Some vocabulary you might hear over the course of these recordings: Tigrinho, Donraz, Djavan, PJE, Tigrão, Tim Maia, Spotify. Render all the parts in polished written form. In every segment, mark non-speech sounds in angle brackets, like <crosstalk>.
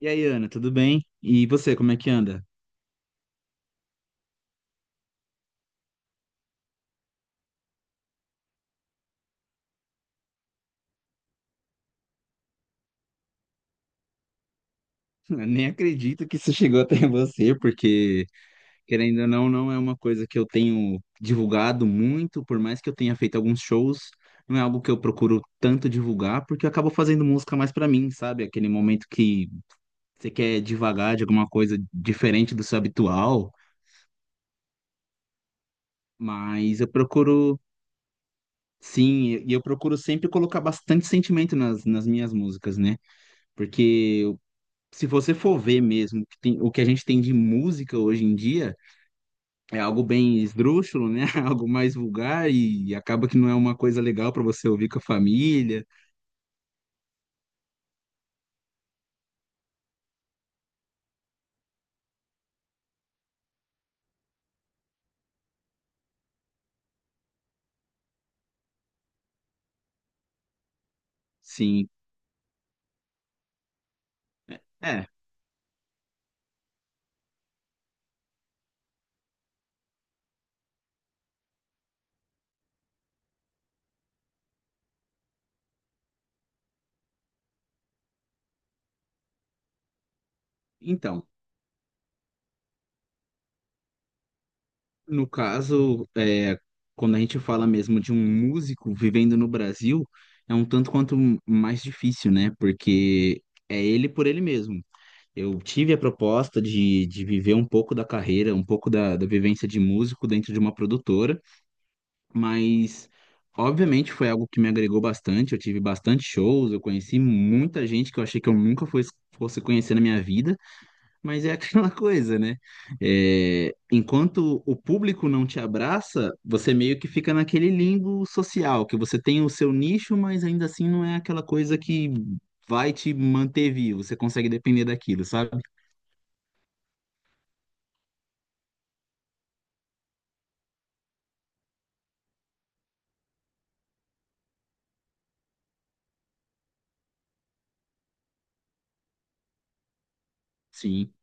E aí, Ana, tudo bem? E você, como é que anda? <laughs> Nem acredito que isso chegou até você, porque, querendo ou não, não é uma coisa que eu tenho divulgado muito, por mais que eu tenha feito alguns shows. Não é algo que eu procuro tanto divulgar, porque eu acabo fazendo música mais pra mim, sabe? Aquele momento que você quer divagar de alguma coisa diferente do seu habitual. Mas eu procuro, sim, e eu procuro sempre colocar bastante sentimento nas minhas músicas, né? Porque se você for ver mesmo o que a gente tem de música hoje em dia, é algo bem esdrúxulo, né? <laughs> Algo mais vulgar e acaba que não é uma coisa legal para você ouvir com a família. Sim. É, então, no caso, quando a gente fala mesmo de um músico vivendo no Brasil, é um tanto quanto mais difícil, né? Porque é ele por ele mesmo. Eu tive a proposta de viver um pouco da carreira, um pouco da vivência de músico dentro de uma produtora. Mas, obviamente, foi algo que me agregou bastante. Eu tive bastante shows, eu conheci muita gente que eu achei que eu nunca fosse conhecer na minha vida. Mas é <laughs> aquela coisa, né? É, enquanto o público não te abraça, você meio que fica naquele limbo social, que você tem o seu nicho, mas ainda assim não é aquela coisa que vai te manter vivo. Você consegue depender daquilo, sabe? Sim.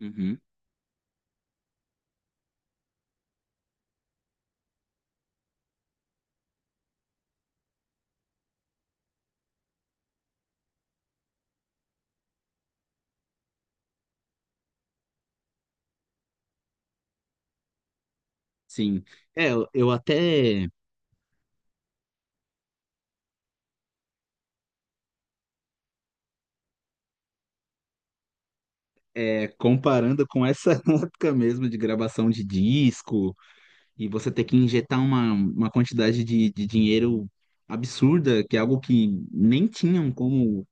Uhum. Sim. É, eu até. É, comparando com essa <laughs> época mesmo de gravação de disco, e você ter que injetar uma quantidade de dinheiro absurda, que é algo que nem tinham como.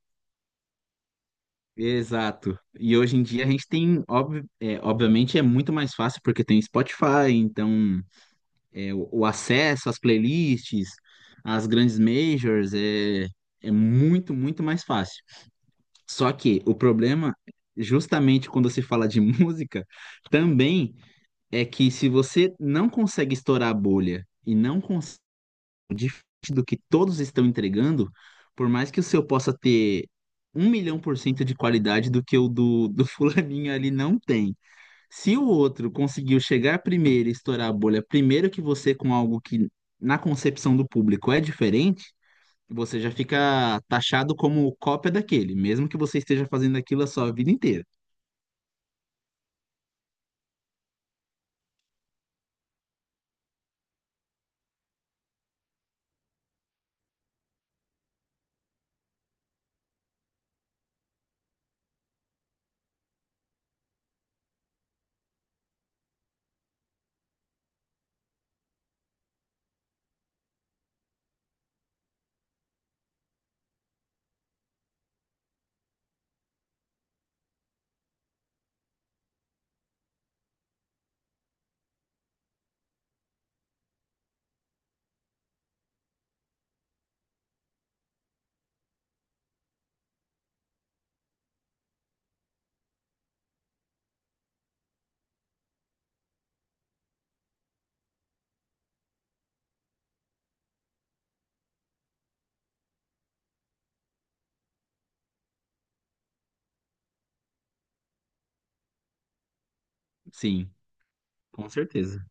Exato. E hoje em dia a gente tem, obviamente é muito mais fácil porque tem Spotify, então o acesso às playlists, às grandes majors é muito, muito mais fácil. Só que o problema, justamente quando se fala de <laughs> música, também. É que se você não consegue estourar a bolha e não consegue, diferente do que todos estão entregando, por mais que o seu possa ter 1.000.000% de qualidade do que o do <laughs> fulaninho ali não tem. Se o outro conseguiu chegar primeiro e estourar a bolha primeiro que você com algo que na concepção do público é diferente, você já fica taxado como cópia daquele, mesmo que você esteja fazendo aquilo a sua vida inteira. Sim, com certeza.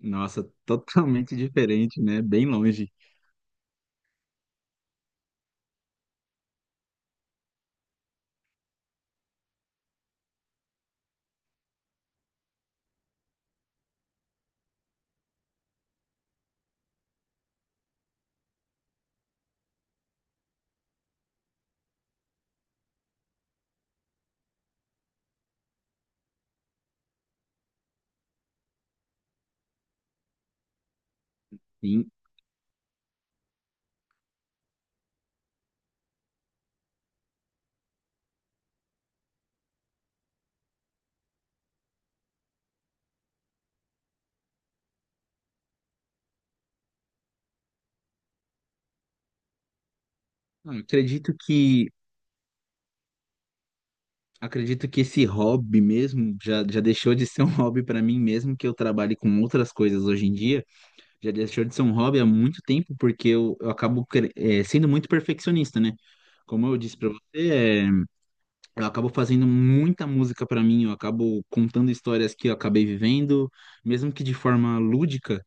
Nossa, totalmente diferente, né? Bem longe. Sim. Ah, acredito que esse hobby mesmo já deixou de ser um <laughs> hobby para mim, mesmo que eu trabalhe com outras coisas hoje em dia. Já deixou de ser um hobby há muito tempo porque eu acabo sendo muito perfeccionista, né? Como eu disse para você, eu acabo fazendo muita música para mim, eu acabo contando histórias que eu acabei vivendo, mesmo que de forma lúdica.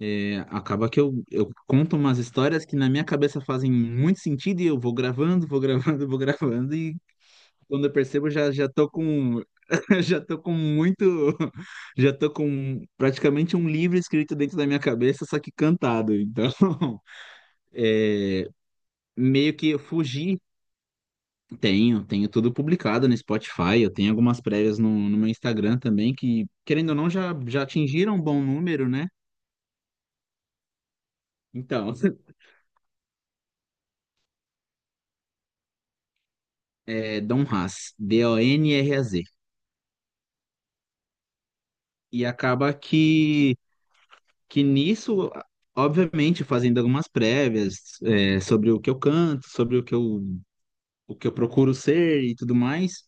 É, acaba que eu conto umas histórias que na minha cabeça fazem muito sentido e eu vou gravando, <laughs> vou gravando e quando eu percebo já tô com <laughs> já tô com muito <laughs> já tô com praticamente um livro escrito dentro da minha cabeça, só que cantado. Então, <laughs> meio que eu fugi. Tenho tudo publicado no Spotify, eu tenho algumas prévias no meu Instagram também que, querendo ou não, já atingiram um bom número, né? Então, <laughs> é Donraz, Donraz. E acaba que nisso, obviamente, fazendo algumas prévias, é, sobre o que eu canto, sobre o que eu procuro ser e tudo mais.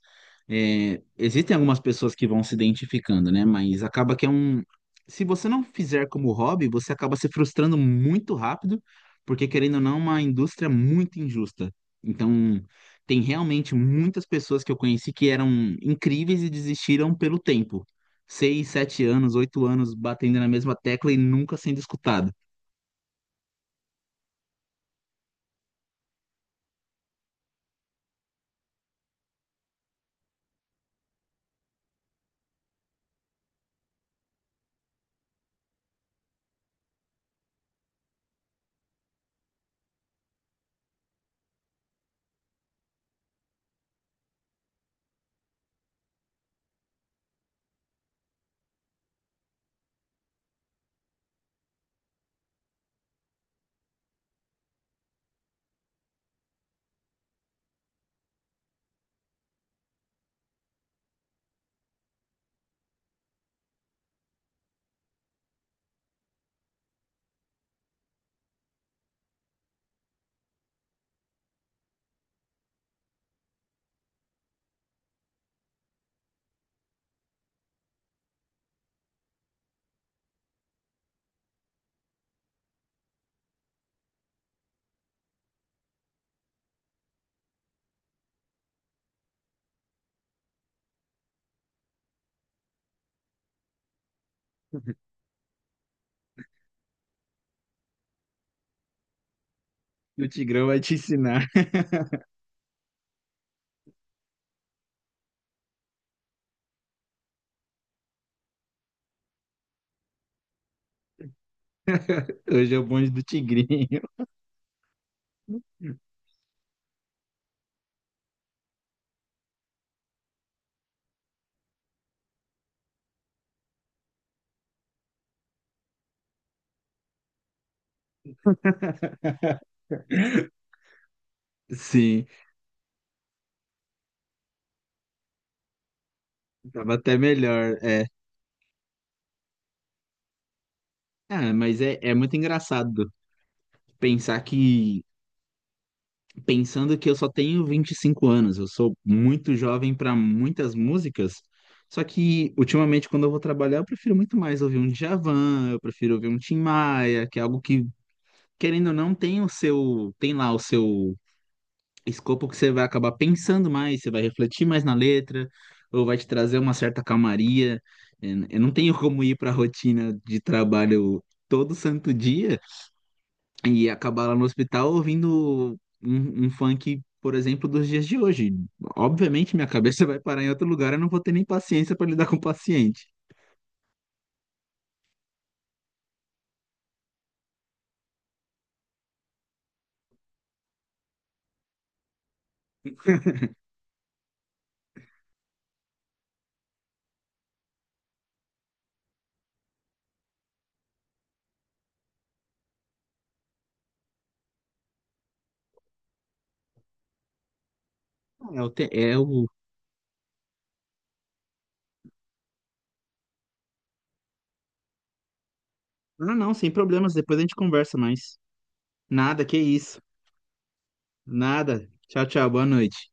É, existem algumas pessoas que vão se identificando, né? Mas acaba que é um. Se você não fizer como hobby, você acaba se frustrando muito rápido, porque querendo ou não, é uma indústria muito injusta. Então, tem realmente muitas pessoas que eu conheci que eram incríveis e desistiram pelo tempo. 6, 7 anos, 8 anos batendo na mesma tecla e nunca sendo escutado. <laughs> O Tigrão vai te ensinar. Hoje é o bonde do Tigrinho. <laughs> Sim. Tava até melhor, é. Ah, mas é muito engraçado pensar que, pensando que eu só tenho 25 anos, eu sou muito jovem para muitas músicas, só que ultimamente quando eu vou trabalhar eu prefiro muito mais ouvir um Djavan, eu prefiro ouvir um Tim Maia, que é algo que, querendo ou não, tem o seu, tem lá o seu escopo que você vai acabar pensando mais, você vai refletir mais na letra, ou vai te trazer uma certa calmaria. Eu não tenho como ir para a rotina de trabalho todo santo dia e acabar lá no hospital ouvindo um funk, por exemplo, dos dias de hoje. Obviamente, minha cabeça <laughs> vai parar em outro lugar, eu não vou ter nem paciência para lidar com o paciente. É o, é o. Não, não, sem problemas. Depois a gente conversa mais. Nada, que isso. Nada. Tchau, tchau. Boa noite.